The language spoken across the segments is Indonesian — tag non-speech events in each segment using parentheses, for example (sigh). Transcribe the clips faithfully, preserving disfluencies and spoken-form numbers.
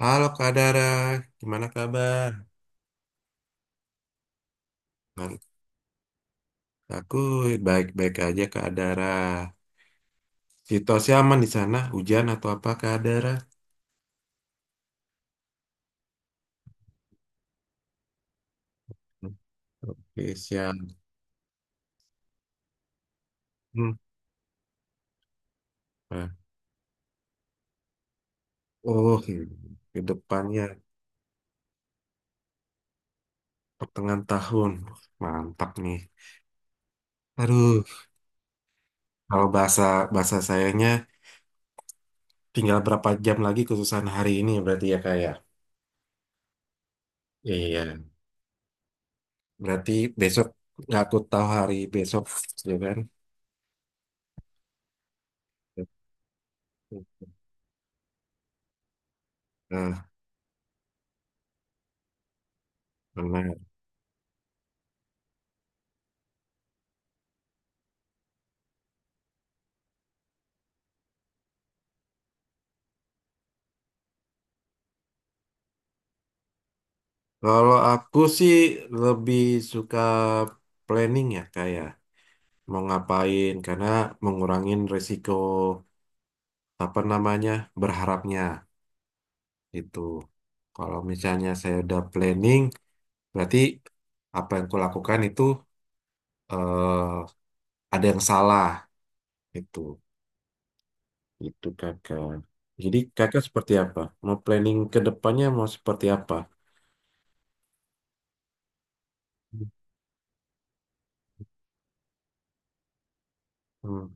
Halo Kak Dara, gimana kabar? Baik, aku baik-baik aja Kak Dara. Situasi aman di sana, hujan atau apa Kak Dara? Oke, siap. Hmm. Nah. Oh, ke depannya pertengahan tahun. Mantap nih. Aduh, kalau bahasa bahasa sayanya tinggal berapa jam lagi kesusahan hari ini berarti ya Kak ya? Iya, berarti besok nggak aku tahu hari besok, ya kan? Nah, benar. Kalau aku sih lebih suka planning ya kayak mau ngapain karena mengurangin resiko apa namanya berharapnya itu. Kalau misalnya saya udah planning berarti apa yang kulakukan itu eh, ada yang salah itu. Itu kakak. Jadi kakak seperti apa? Mau planning ke depannya mau seperti apa? Hmm.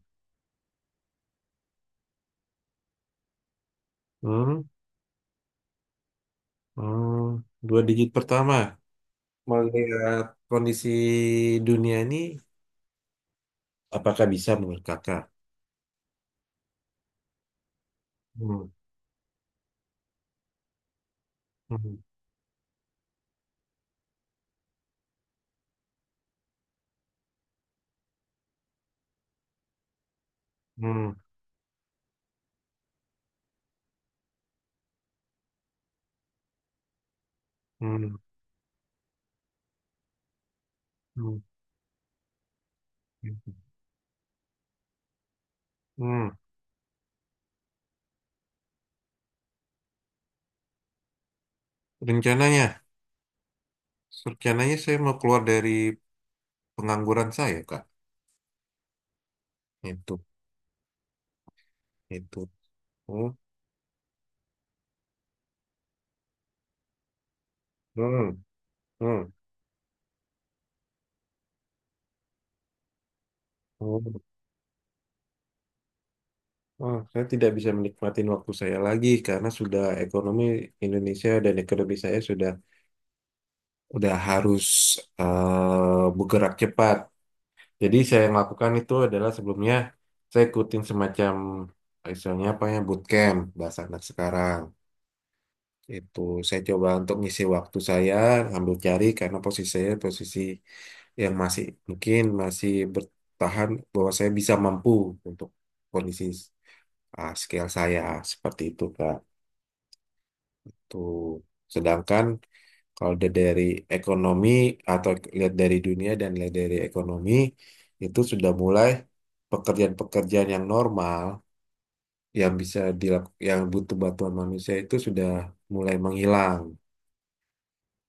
Hmm. Hmm. Dua digit pertama. Melihat kondisi dunia ini, apakah bisa menurut kakak? Hmm, hmm, hmm, hmm, hmm, hmm. Rencananya, rencananya saya mau keluar dari pengangguran saya, Kak. Itu, itu. Hmm, hmm, hmm, hmm. Ah, saya tidak bisa menikmati waktu saya lagi karena sudah ekonomi Indonesia dan ekonomi saya sudah udah harus eh, bergerak cepat. Jadi saya yang lakukan itu adalah sebelumnya saya ikutin semacam istilahnya apa ya bootcamp bahasa anak sekarang. Itu saya coba untuk ngisi waktu saya, ambil cari karena posisi saya, posisi yang masih mungkin masih bertahan bahwa saya bisa mampu untuk kondisi, ah, skill saya seperti itu Kak. Tuh. Sedangkan kalau lihat dari ekonomi atau lihat dari dunia dan lihat dari ekonomi itu sudah mulai, pekerjaan-pekerjaan yang normal yang bisa dilakukan yang butuh bantuan manusia itu sudah mulai menghilang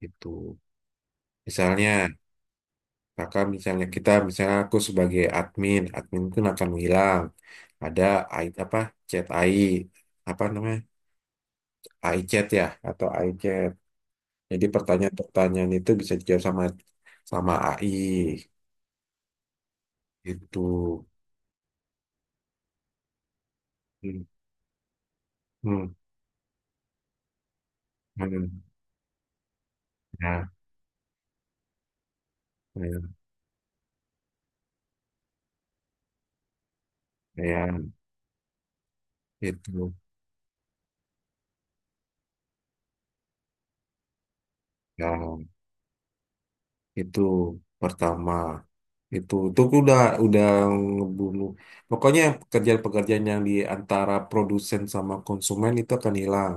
gitu. Misalnya kakak, misalnya kita, misalnya aku sebagai admin, admin itu akan menghilang. Ada A I, apa chat A I apa namanya AI chat ya atau A I chat. Jadi pertanyaan-pertanyaan itu bisa dijawab sama sama A I. Itu. Hmm, hmm, hmm. Nah, nah, ya, itu, ya, itu pertama, itu, itu udah, udah ngebunuh. Pokoknya pekerjaan-pekerjaan yang di antara produsen sama konsumen itu akan hilang.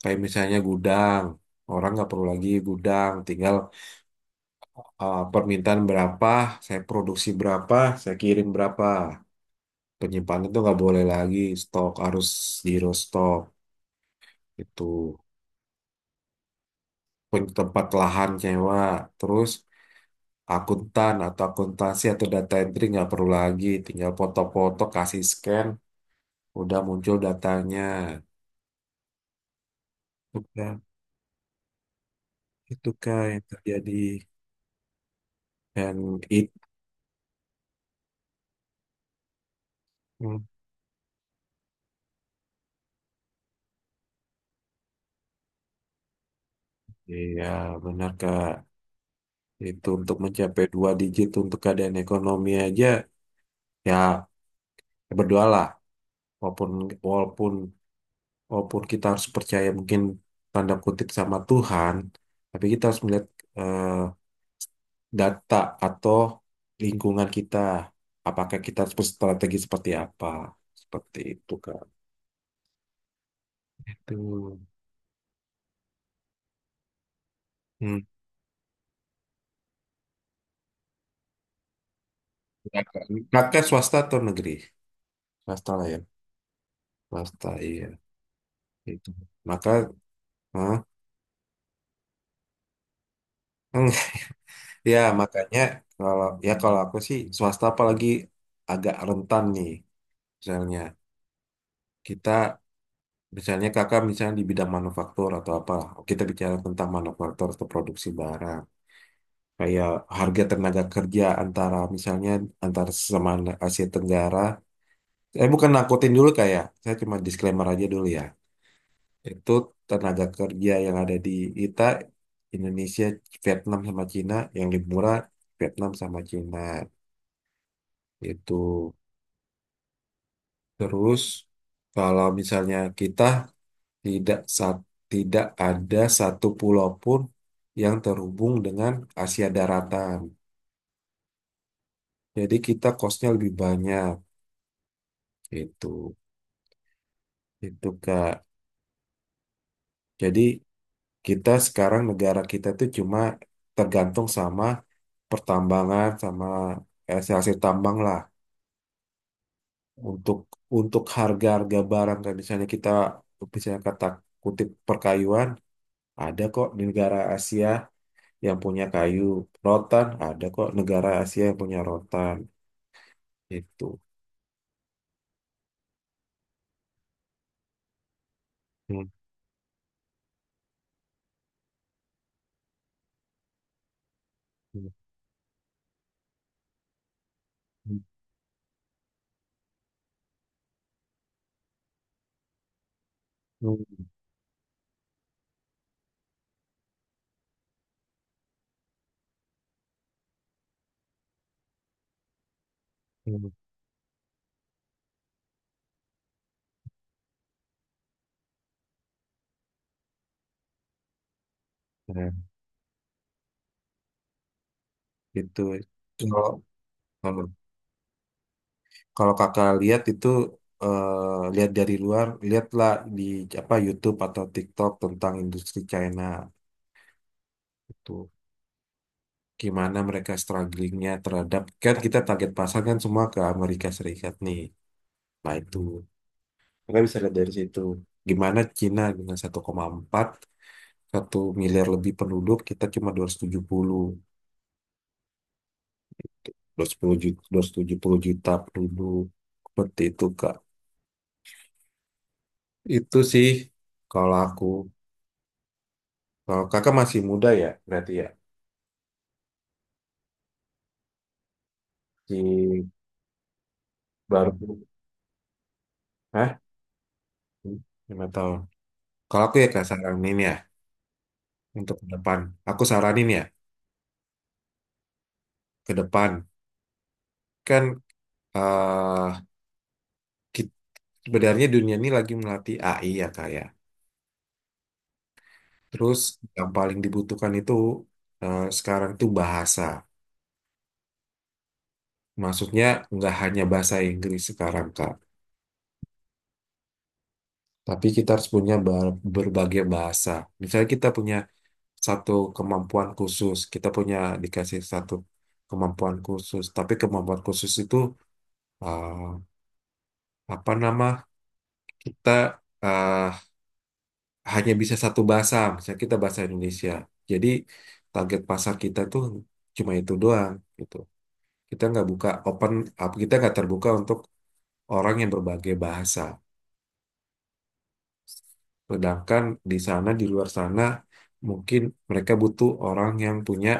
Kayak misalnya gudang, orang nggak perlu lagi gudang, tinggal, uh, permintaan berapa, saya produksi berapa, saya kirim berapa. Penyimpanan itu nggak boleh lagi, stok harus zero stok, itu. Punya tempat lahan sewa, terus akuntan atau akuntansi atau data entry nggak perlu lagi, tinggal foto-foto, kasih scan, udah muncul datanya. Udah, itu kak yang terjadi. Dan itu, iya benar kak, itu untuk mencapai dua digit untuk keadaan ekonomi aja ya, berdoalah. Walaupun walaupun walaupun kita harus percaya mungkin tanda kutip sama Tuhan, tapi kita harus melihat eh, data atau lingkungan kita. Apakah kita harus berstrategi seperti apa? Seperti itu, Kak. Itu. Hmm. Ya, Kak. Kakak swasta atau negeri? Swasta lah ya. Swasta, iya. Itu. Maka, hah? (laughs) Ya makanya, kalau ya kalau aku sih swasta apalagi agak rentan nih. Misalnya kita, misalnya kakak misalnya di bidang manufaktur atau apa, kita bicara tentang manufaktur atau produksi barang. Kayak harga tenaga kerja antara, misalnya antara sesama Asia Tenggara. Saya bukan nakutin dulu kayak, saya cuma disclaimer aja dulu ya. Itu tenaga kerja yang ada di kita Indonesia, Vietnam sama Cina yang lebih murah, Vietnam sama Cina itu. Terus kalau misalnya kita tidak sa- tidak ada satu pulau pun yang terhubung dengan Asia daratan. Jadi kita kosnya lebih banyak itu Itu Kak. Jadi kita sekarang negara kita tuh cuma tergantung sama pertambangan sama hasil tambang lah, untuk untuk harga-harga barang, kayak misalnya kita bisa kata kutip perkayuan, ada kok di negara Asia yang punya kayu, rotan ada kok negara Asia yang punya rotan itu. Hmm, hmm, hmm, hmm, hmm. Nah, itu kalau Kalau kakak lihat itu, eh, lihat dari luar, lihatlah di apa YouTube atau TikTok tentang industri China, itu gimana mereka strugglingnya terhadap kan kita target pasar kan semua ke Amerika Serikat nih. Nah itu mereka bisa lihat dari situ, gimana Cina dengan satu koma empat satu miliar lebih penduduk, kita cuma dua ratus tujuh puluh dua ratus tujuh puluh juta, dua ratus tujuh puluh juta penduduk seperti itu Kak. Itu sih kalau aku. Kalau kakak masih muda ya, berarti ya. Di baru, hah? Lima tahun. Kalau aku ya kak saranin ya, untuk ke depan. Aku saranin ya, ke depan. Kan eh kit- sebenarnya dunia ini lagi melatih A I ya kak ya. Terus yang paling dibutuhkan itu eh, sekarang tuh bahasa. Maksudnya nggak hanya bahasa Inggris sekarang kak. Tapi kita harus punya bar- berbagai bahasa. Misalnya kita punya satu kemampuan khusus. Kita punya dikasih satu kemampuan khusus, tapi kemampuan khusus itu eh, apa nama? Kita eh, hanya bisa satu bahasa, misalnya kita bahasa Indonesia. Jadi target pasar kita tuh cuma itu doang gitu. Kita nggak buka open up, kita nggak terbuka untuk orang yang berbagai bahasa. Sedangkan di sana, di luar sana, mungkin mereka butuh orang yang punya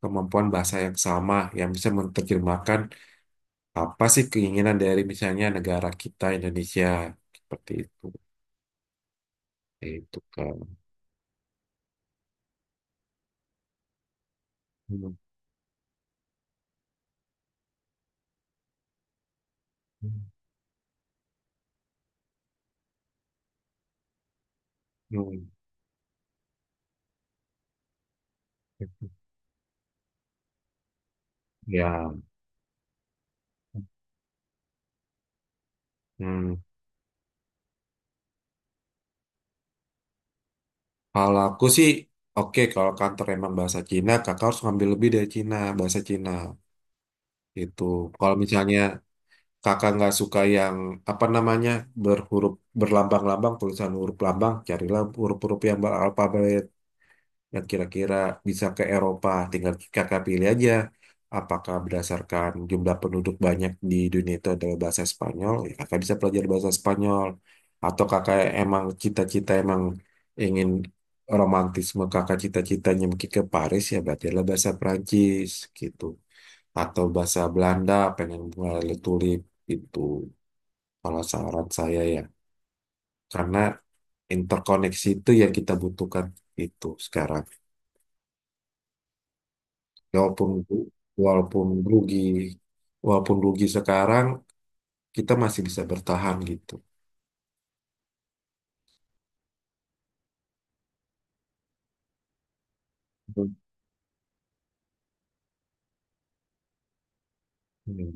kemampuan bahasa yang sama, yang bisa menerjemahkan apa sih keinginan dari misalnya negara kita Indonesia. Seperti itu. Itu kan. Hmm. Hmm. Ya. Hmm. Kalau aku sih, oke kalau kantor emang bahasa Cina, kakak harus ngambil lebih dari Cina, bahasa Cina. Itu. Kalau misalnya kakak nggak suka yang apa namanya berhuruf, berlambang-lambang tulisan huruf lambang, carilah huruf-huruf yang beralfabet, yang kira-kira bisa ke Eropa. Tinggal kakak pilih aja, apakah berdasarkan jumlah penduduk banyak di dunia itu adalah bahasa Spanyol, ya kakak bisa pelajari bahasa Spanyol. Atau kakak emang cita-cita emang ingin romantisme, kakak cita-citanya mungkin ke Paris, ya belajarlah bahasa Perancis gitu. Atau bahasa Belanda, pengen mulai tulip gitu. Kalau saran saya ya, karena interkoneksi itu yang kita butuhkan itu sekarang. Walaupun walaupun rugi, walaupun rugi sekarang, kita masih bisa bertahan gitu. Hmm.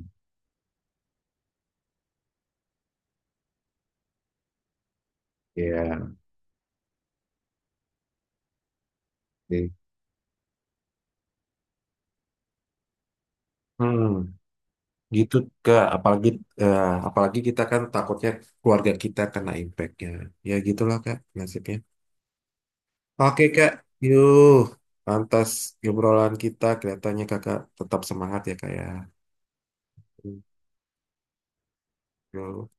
Ya, oke. Hmm, gitu. ke apalagi eh, apalagi kita kan takutnya keluarga kita kena impactnya. Ya gitulah Kak, nasibnya. Oke Kak, yuk. Pantas obrolan kita kelihatannya Kakak tetap semangat ya Kak ya. Yuk.